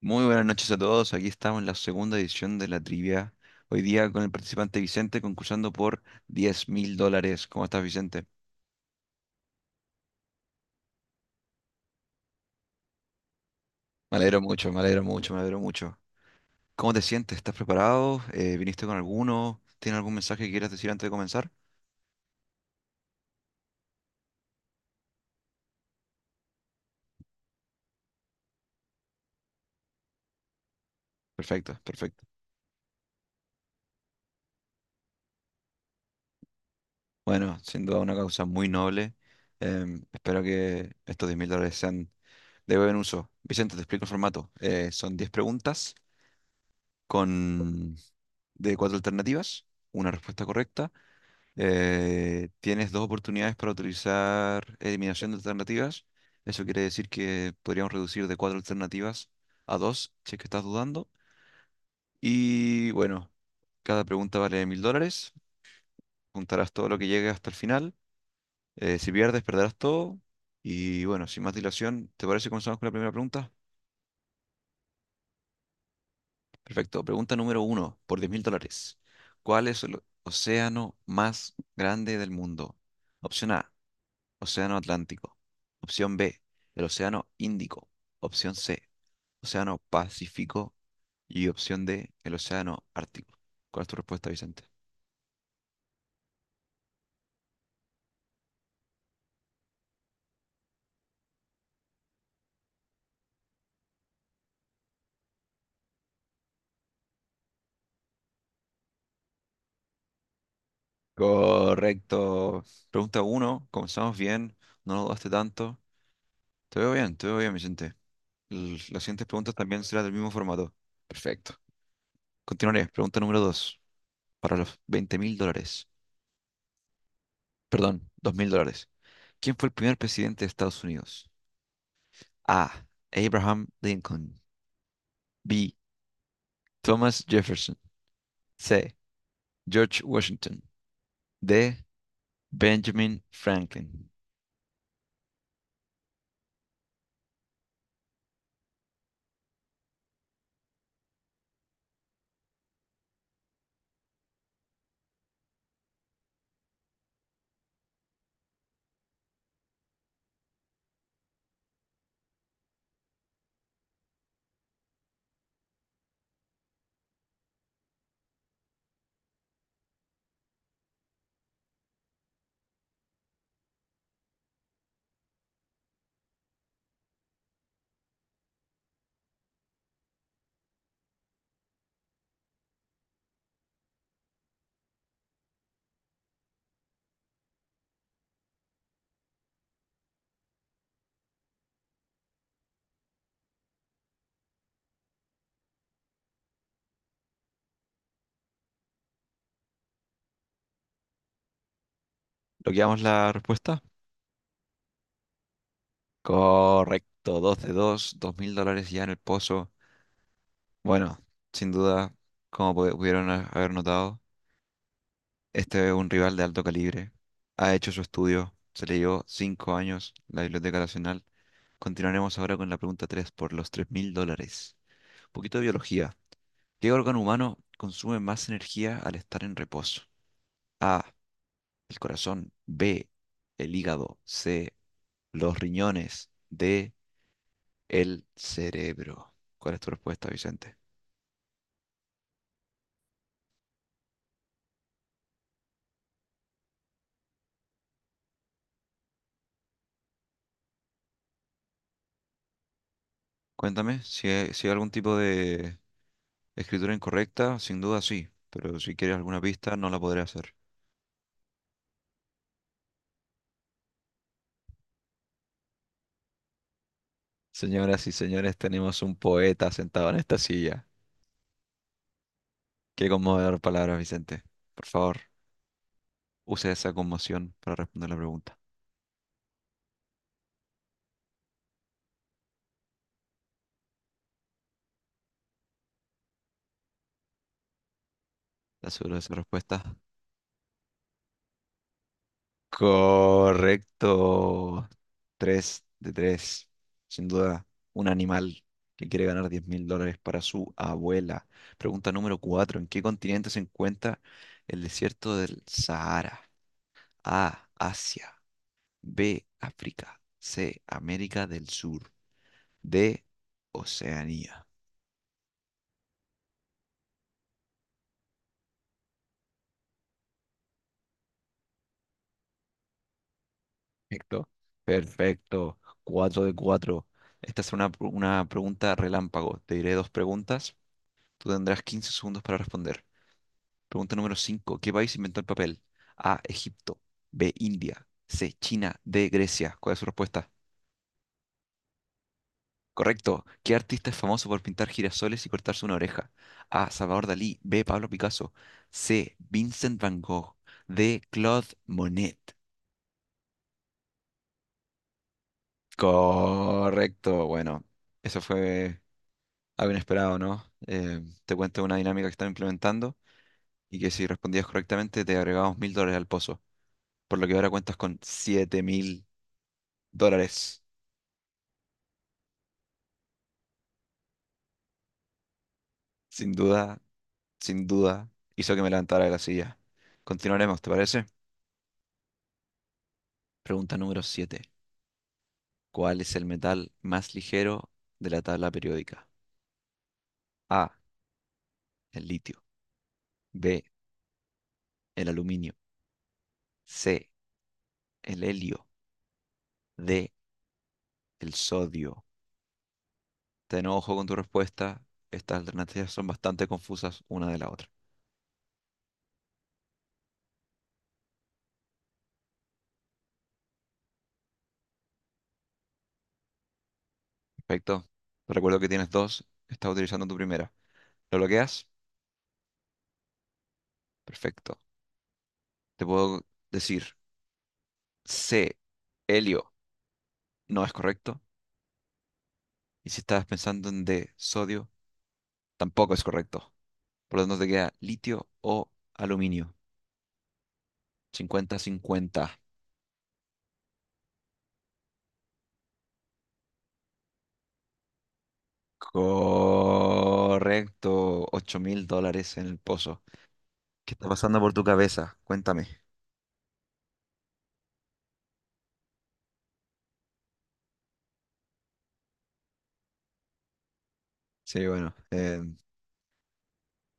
Muy buenas noches a todos. Aquí estamos en la segunda edición de la trivia. Hoy día con el participante Vicente concursando por 10.000 dólares. ¿Cómo estás, Vicente? Me alegro mucho, me alegro mucho, me alegro mucho. ¿Cómo te sientes? ¿Estás preparado? ¿Viniste con alguno? ¿Tienes algún mensaje que quieras decir antes de comenzar? Perfecto, perfecto. Bueno, sin duda una causa muy noble. Espero que estos 10.000 dólares sean de buen uso. Vicente, te explico el formato. Son 10 preguntas con de cuatro alternativas, una respuesta correcta. Tienes dos oportunidades para utilizar eliminación de alternativas. Eso quiere decir que podríamos reducir de cuatro alternativas a dos, si es que estás dudando. Y bueno, cada pregunta vale 1.000 dólares. Juntarás todo lo que llegue hasta el final. Si pierdes, perderás todo. Y bueno, sin más dilación, ¿te parece que comenzamos con la primera pregunta? Perfecto. Pregunta número uno, por 10.000 dólares. ¿Cuál es el océano más grande del mundo? Opción A, Océano Atlántico. Opción B, el Océano Índico. Opción C, Océano Pacífico. Y opción D, el Océano Ártico. ¿Cuál es tu respuesta, Vicente? Correcto. Pregunta uno, comenzamos bien, no lo dudaste tanto. Te veo bien, Vicente. Las siguientes preguntas también serán del mismo formato. Perfecto. Continuaré. Pregunta número 2, para los 20.000 dólares. Perdón, 2.000 dólares. ¿Quién fue el primer presidente de Estados Unidos? A. Abraham Lincoln. B. Thomas Jefferson. C. George Washington. D. Benjamin Franklin. ¿Logueamos la respuesta? Correcto. 2 de dos, 2 mil dólares ya en el pozo. Bueno, sin duda, como pudieron haber notado, este es un rival de alto calibre. Ha hecho su estudio. Se le llevó 5 años la Biblioteca Nacional. Continuaremos ahora con la pregunta 3 por los 3.000 dólares. Un poquito de biología. ¿Qué órgano humano consume más energía al estar en reposo? A, el corazón; B, el hígado; C, los riñones; D, el cerebro. ¿Cuál es tu respuesta, Vicente? Cuéntame si hay algún tipo de escritura incorrecta, sin duda sí, pero si quieres alguna pista no la podré hacer. Señoras y señores, tenemos un poeta sentado en esta silla. Qué conmovedor palabras, Vicente. Por favor, use esa conmoción para responder la pregunta. ¿Estás seguro de esa respuesta? Correcto. Tres de tres. Sin duda, un animal que quiere ganar 10.000 dólares para su abuela. Pregunta número cuatro. ¿En qué continente se encuentra el desierto del Sahara? A. Asia. B. África. C. América del Sur. D. Oceanía. Perfecto. Perfecto. Cuatro de cuatro. Esta es una pregunta relámpago. Te diré dos preguntas. Tú tendrás 15 segundos para responder. Pregunta número 5: ¿Qué país inventó el papel? A. Egipto. B. India. C. China. D. Grecia. ¿Cuál es su respuesta? Correcto. ¿Qué artista es famoso por pintar girasoles y cortarse una oreja? A. Salvador Dalí. B. Pablo Picasso. C. Vincent Van Gogh. D. Claude Monet. Correcto. Bueno, eso fue algo inesperado, ¿no? Te cuento una dinámica que están implementando y que si respondías correctamente te agregamos 1.000 dólares al pozo, por lo que ahora cuentas con 7.000 dólares. Sin duda, sin duda, hizo que me levantara de la silla. Continuaremos, ¿te parece? Pregunta número 7. ¿Cuál es el metal más ligero de la tabla periódica? A, el litio. B, el aluminio. C, el helio. D, el sodio. Ten ojo con tu respuesta. Estas alternativas son bastante confusas una de la otra. Perfecto. Te recuerdo que tienes dos. Estás utilizando tu primera. ¿Lo bloqueas? Perfecto. Te puedo decir C, helio, no es correcto. Y si estabas pensando en de sodio, tampoco es correcto. Por lo tanto, te queda litio o aluminio. Cincuenta cincuenta. Correcto. 8.000 dólares en el pozo. ¿Qué está pasando por tu cabeza? Cuéntame. Sí, bueno, eh,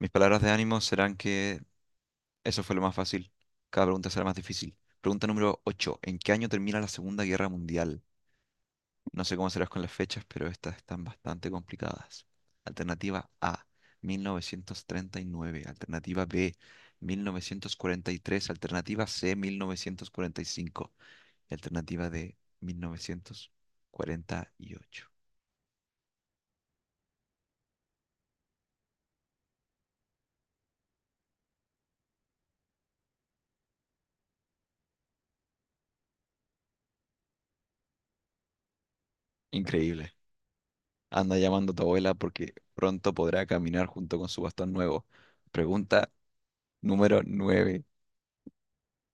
mis palabras de ánimo serán que eso fue lo más fácil. Cada pregunta será más difícil. Pregunta número ocho. ¿En qué año termina la Segunda Guerra Mundial? No sé cómo serás con las fechas, pero estas están bastante complicadas. Alternativa A, 1939. Alternativa B, 1943. Alternativa C, 1945. Y cinco. Y alternativa D, 1948. Increíble. Anda llamando a tu abuela porque pronto podrá caminar junto con su bastón nuevo. Pregunta número 9.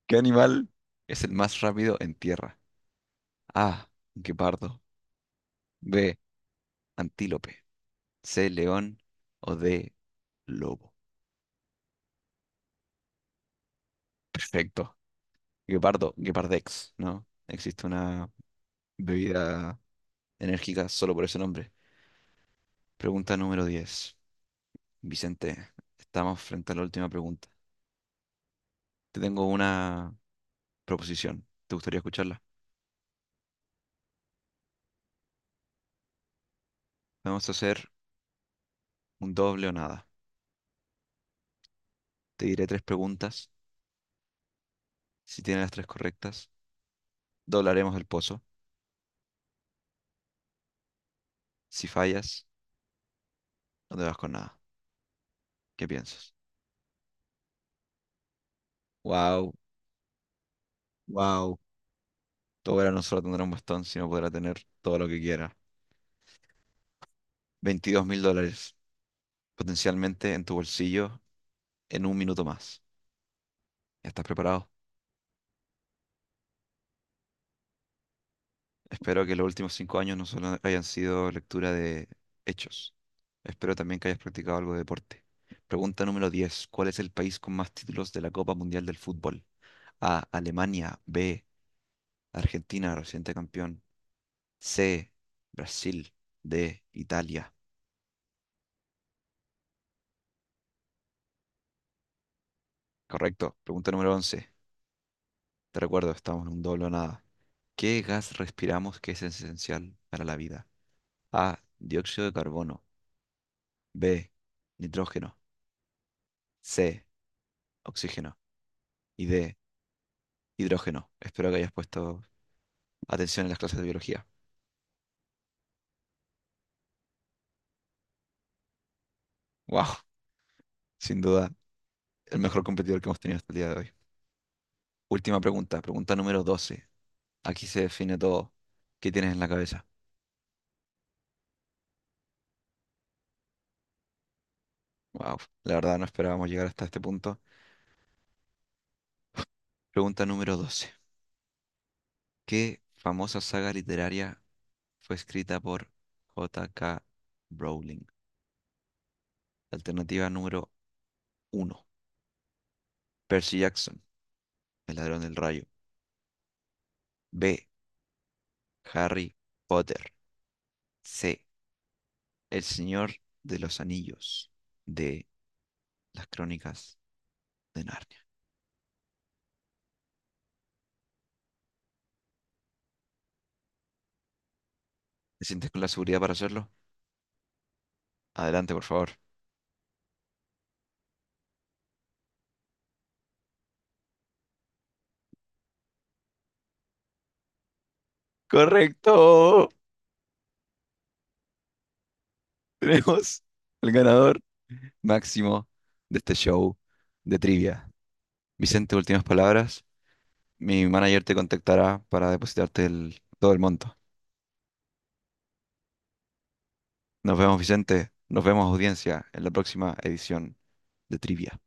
¿Qué animal es el más rápido en tierra? A, guepardo; B, antílope; C, león; o D, lobo. Perfecto. Guepardo, Guepardex, ¿no? Existe una bebida enérgica solo por ese nombre. Pregunta número diez. Vicente, estamos frente a la última pregunta. Te tengo una proposición. ¿Te gustaría escucharla? Vamos a hacer un doble o nada. Te diré tres preguntas. Si tienes las tres correctas, doblaremos el pozo. Si fallas, no te vas con nada. ¿Qué piensas? Wow, wow. Tu abuela no solo tendrá un bastón, sino podrá tener todo lo que quiera. 22.000 dólares potencialmente en tu bolsillo en un minuto más. ¿Estás preparado? Espero que los últimos 5 años no solo hayan sido lectura de hechos. Espero también que hayas practicado algo de deporte. Pregunta número 10: ¿Cuál es el país con más títulos de la Copa Mundial del Fútbol? A. Alemania. B. Argentina, reciente campeón. C. Brasil. D. Italia. Correcto. Pregunta número once. Te recuerdo, estamos en un doble o nada. ¿Qué gas respiramos que es esencial para la vida? A. Dióxido de carbono. B. Nitrógeno. C. Oxígeno. Y D. Hidrógeno. Espero que hayas puesto atención en las clases de biología. ¡Wow! Sin duda, el mejor competidor que hemos tenido hasta el día de hoy. Última pregunta, pregunta número 12. Aquí se define todo. ¿Qué tienes en la cabeza? ¡Wow! La verdad no esperábamos llegar hasta este punto. Pregunta número 12. ¿Qué famosa saga literaria fue escrita por J. K. Rowling? Alternativa número uno, Percy Jackson, el ladrón del rayo. B. Harry Potter. C. El Señor de los Anillos. D. Las Crónicas de Narnia. ¿Te sientes con la seguridad para hacerlo? Adelante, por favor. Correcto. Tenemos el ganador máximo de este show de trivia. Vicente, últimas palabras. Mi manager te contactará para depositarte todo el monto. Nos vemos, Vicente. Nos vemos, audiencia, en la próxima edición de trivia.